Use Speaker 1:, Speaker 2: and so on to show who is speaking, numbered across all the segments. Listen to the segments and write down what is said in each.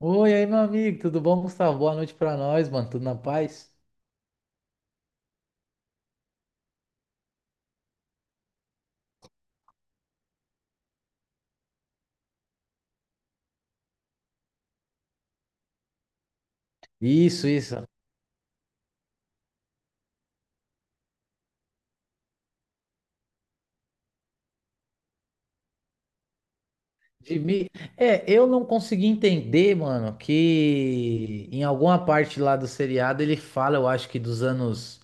Speaker 1: Oi, aí, meu amigo, tudo bom, Gustavo? Boa noite pra nós, mano. Tudo na paz? Isso, isso. De mim. É, eu não consegui entender, mano, que em alguma parte lá do seriado ele fala, eu acho que dos anos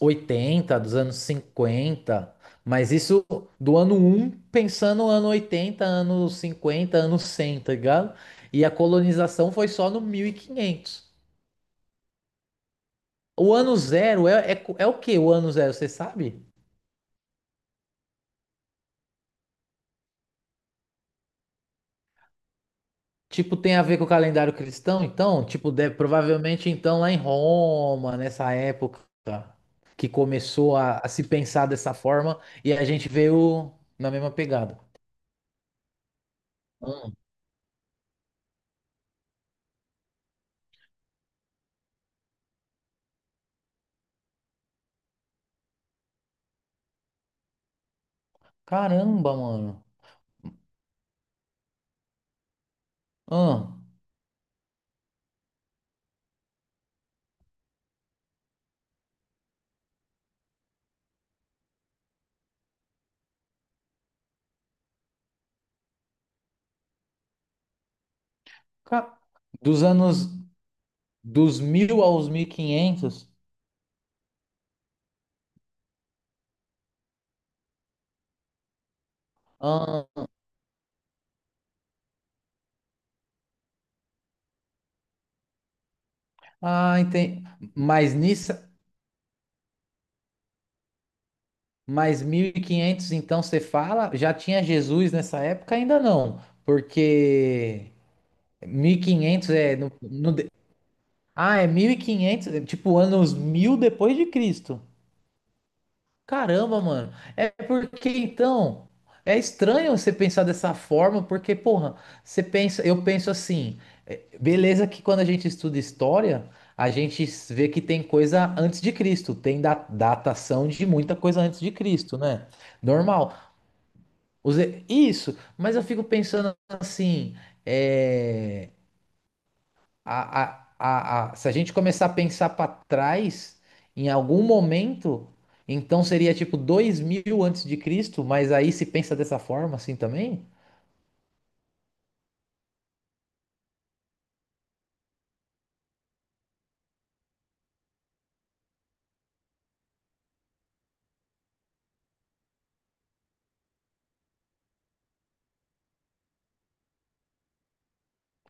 Speaker 1: 80, dos anos cinquenta, mas isso do ano um, pensando no ano 80, ano 50, ano 100, tá ligado? E a colonização foi só no 1500. O ano zero é, é o que o ano zero, você sabe? Tipo, tem a ver com o calendário cristão, então? Tipo, deve, provavelmente, então, lá em Roma, nessa época que começou a se pensar dessa forma, e a gente veio na mesma pegada. Ah, caramba, mano. Ah, ca- dos anos dos mil aos 1500. Ah, ah, entendi. Mas nisso, mas 1500, então, você fala, já tinha Jesus nessa época? Ainda não, porque... mil e quinhentos é no, no, ah, é 1500, é tipo anos 1000 depois de Cristo. Caramba, mano. É porque então é estranho você pensar dessa forma, porque porra, eu penso assim, é, beleza que quando a gente estuda história, a gente vê que tem coisa antes de Cristo, tem datação de muita coisa antes de Cristo, né? Normal. Isso, mas eu fico pensando assim, é, se a gente começar a pensar para trás, em algum momento, então seria tipo 2000 antes de Cristo, mas aí se pensa dessa forma assim também?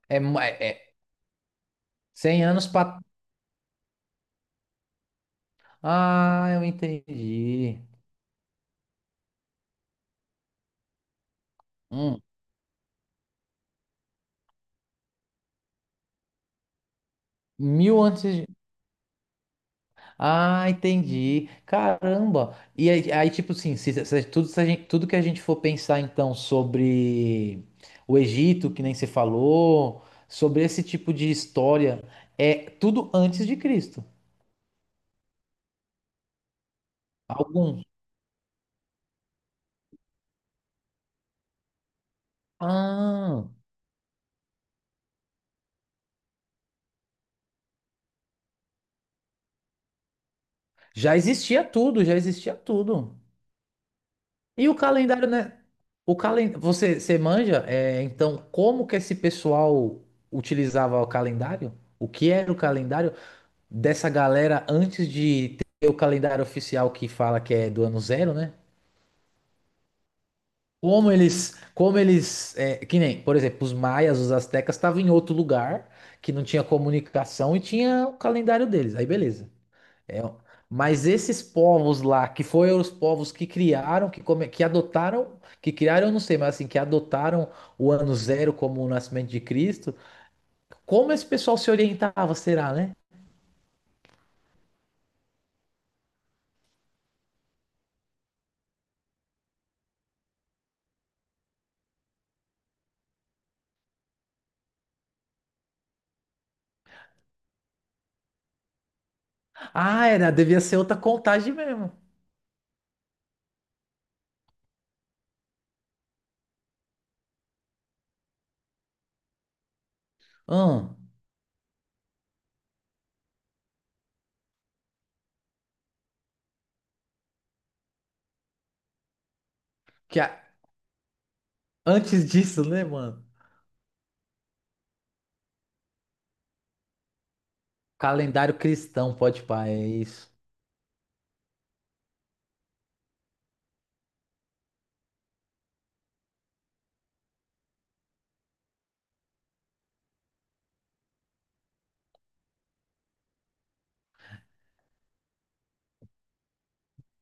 Speaker 1: É 100 anos para. Ah, eu entendi. Hum, mil antes. Ah, entendi. Caramba. E aí, aí, tipo assim, tudo, se a gente- tudo que a gente for pensar então sobre o Egito, que nem você falou, sobre esse tipo de história, é tudo antes de Cristo. Algum. Ah, já existia tudo, já existia tudo. E o calendário, né? O calen... você, você manja? É, então, como que esse pessoal utilizava o calendário? O que era o calendário? Dessa galera antes de ter o calendário oficial que fala que é do ano zero, né? Como eles, é, que nem, por exemplo, os maias, os astecas estavam em outro lugar que não tinha comunicação e tinha o calendário deles. Aí beleza. É, mas esses povos lá, que foram os povos que criaram, que, come, que adotaram, que criaram, eu não sei, mas assim, que adotaram o ano zero como o nascimento de Cristo, como esse pessoal se orientava, será, né? Ah, era, devia ser outra contagem mesmo. Hum. Que a- antes disso, né, mano? Calendário cristão, pode pá, é isso.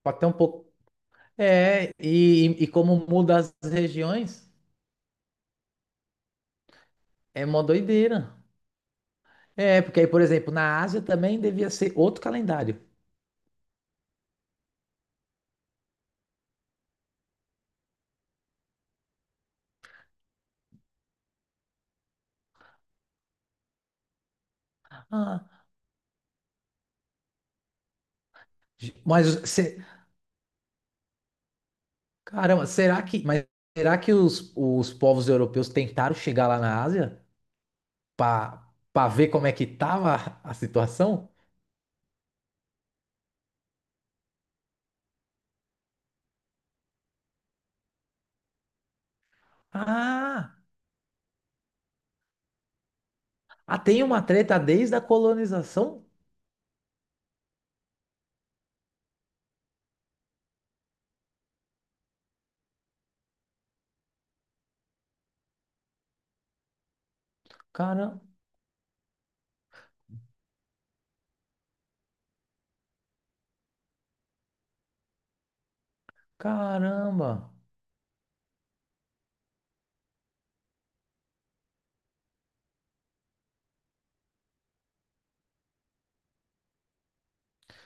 Speaker 1: Até um pouco. É, e como muda as regiões, é mó doideira. É, porque aí, por exemplo, na Ásia também devia ser outro calendário. Ah, mas, caramba, será que, mas será que os povos europeus tentaram chegar lá na Ásia para para ver como é que tava a situação? Ah, ah, tem uma treta desde a colonização? Caramba. Caramba!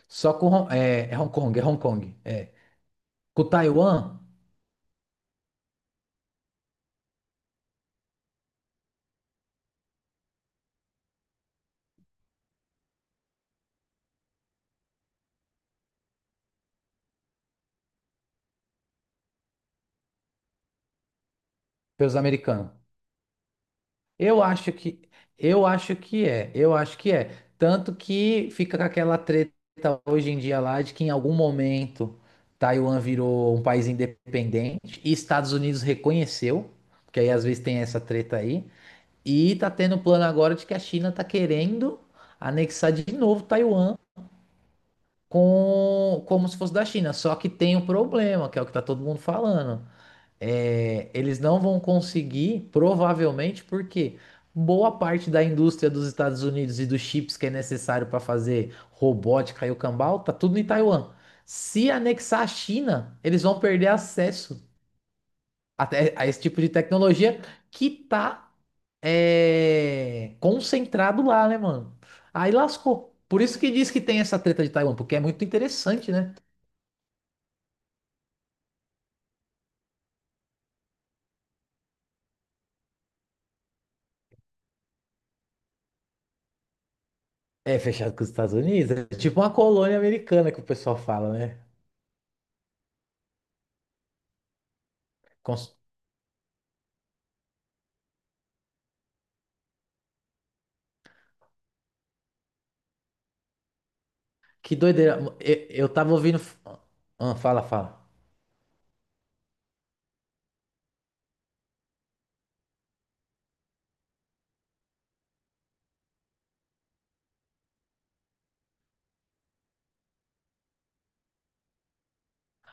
Speaker 1: Só com Hong é, é Hong Kong, é Hong Kong, é. Com Taiwan, pelos americanos. Eu acho que eu acho que é, eu acho que é. Tanto que fica com aquela treta hoje em dia lá de que em algum momento Taiwan virou um país independente e Estados Unidos reconheceu, porque aí às vezes tem essa treta aí. E tá tendo um plano agora de que a China tá querendo anexar de novo Taiwan com como se fosse da China. Só que tem um problema, que é o que tá todo mundo falando. É, eles não vão conseguir, provavelmente, porque boa parte da indústria dos Estados Unidos e dos chips que é necessário para fazer robótica e o cambal, tá tudo em Taiwan. Se anexar a China, eles vão perder acesso até a esse tipo de tecnologia que tá é, concentrado lá, né, mano? Aí lascou. Por isso que diz que tem essa treta de Taiwan, porque é muito interessante, né? É fechado com os Estados Unidos, é tipo uma colônia americana que o pessoal fala, né? Cons- que doideira. Eu tava ouvindo. Ah, fala, fala.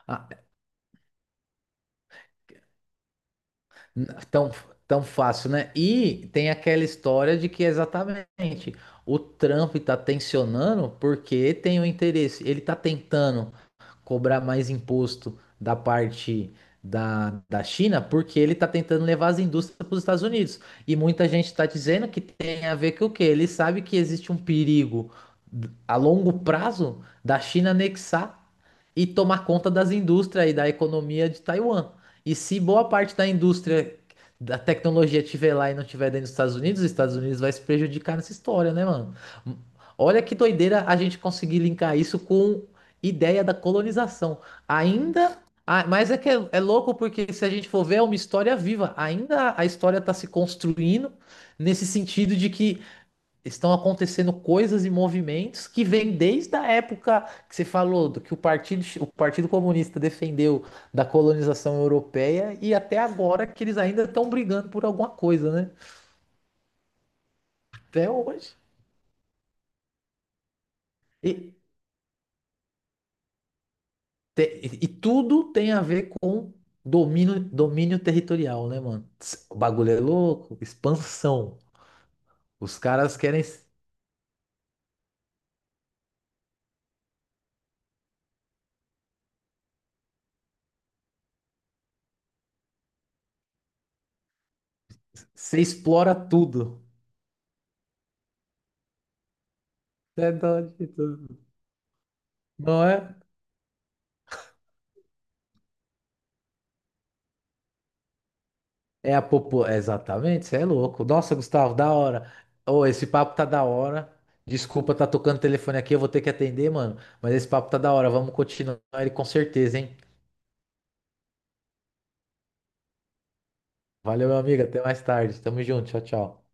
Speaker 1: Ah, n- tão, tão fácil, né? E tem aquela história de que exatamente o Trump tá tensionando porque tem o interesse. Ele tá tentando cobrar mais imposto da parte da China, porque ele está tentando levar as indústrias para os Estados Unidos. E muita gente está dizendo que tem a ver com o quê? Ele sabe que existe um perigo a longo prazo da China anexar e tomar conta das indústrias e da economia de Taiwan. E se boa parte da indústria da tecnologia estiver lá e não estiver dentro dos Estados Unidos, os Estados Unidos vai se prejudicar nessa história, né, mano? Olha que doideira a gente conseguir linkar isso com ideia da colonização. Ainda. Ah, mas é que é, é louco porque se a gente for ver, é uma história viva. Ainda a história está se construindo nesse sentido de que estão acontecendo coisas e movimentos que vêm desde a época que você falou do que o Partido Comunista defendeu da colonização europeia e até agora que eles ainda estão brigando por alguma coisa, né? Até hoje. E- e tudo tem a ver com domínio, domínio territorial, né, mano? Tss, o bagulho é louco, expansão. Os caras querem se explora tudo. É doido de tudo. Não é? É a popu... é exatamente, você é louco. Nossa, Gustavo, da hora. Ô, esse papo tá da hora. Desculpa, tá tocando o telefone aqui, eu vou ter que atender, mano. Mas esse papo tá da hora. Vamos continuar ele com certeza, hein? Valeu, meu amigo. Até mais tarde. Tamo junto. Tchau, tchau.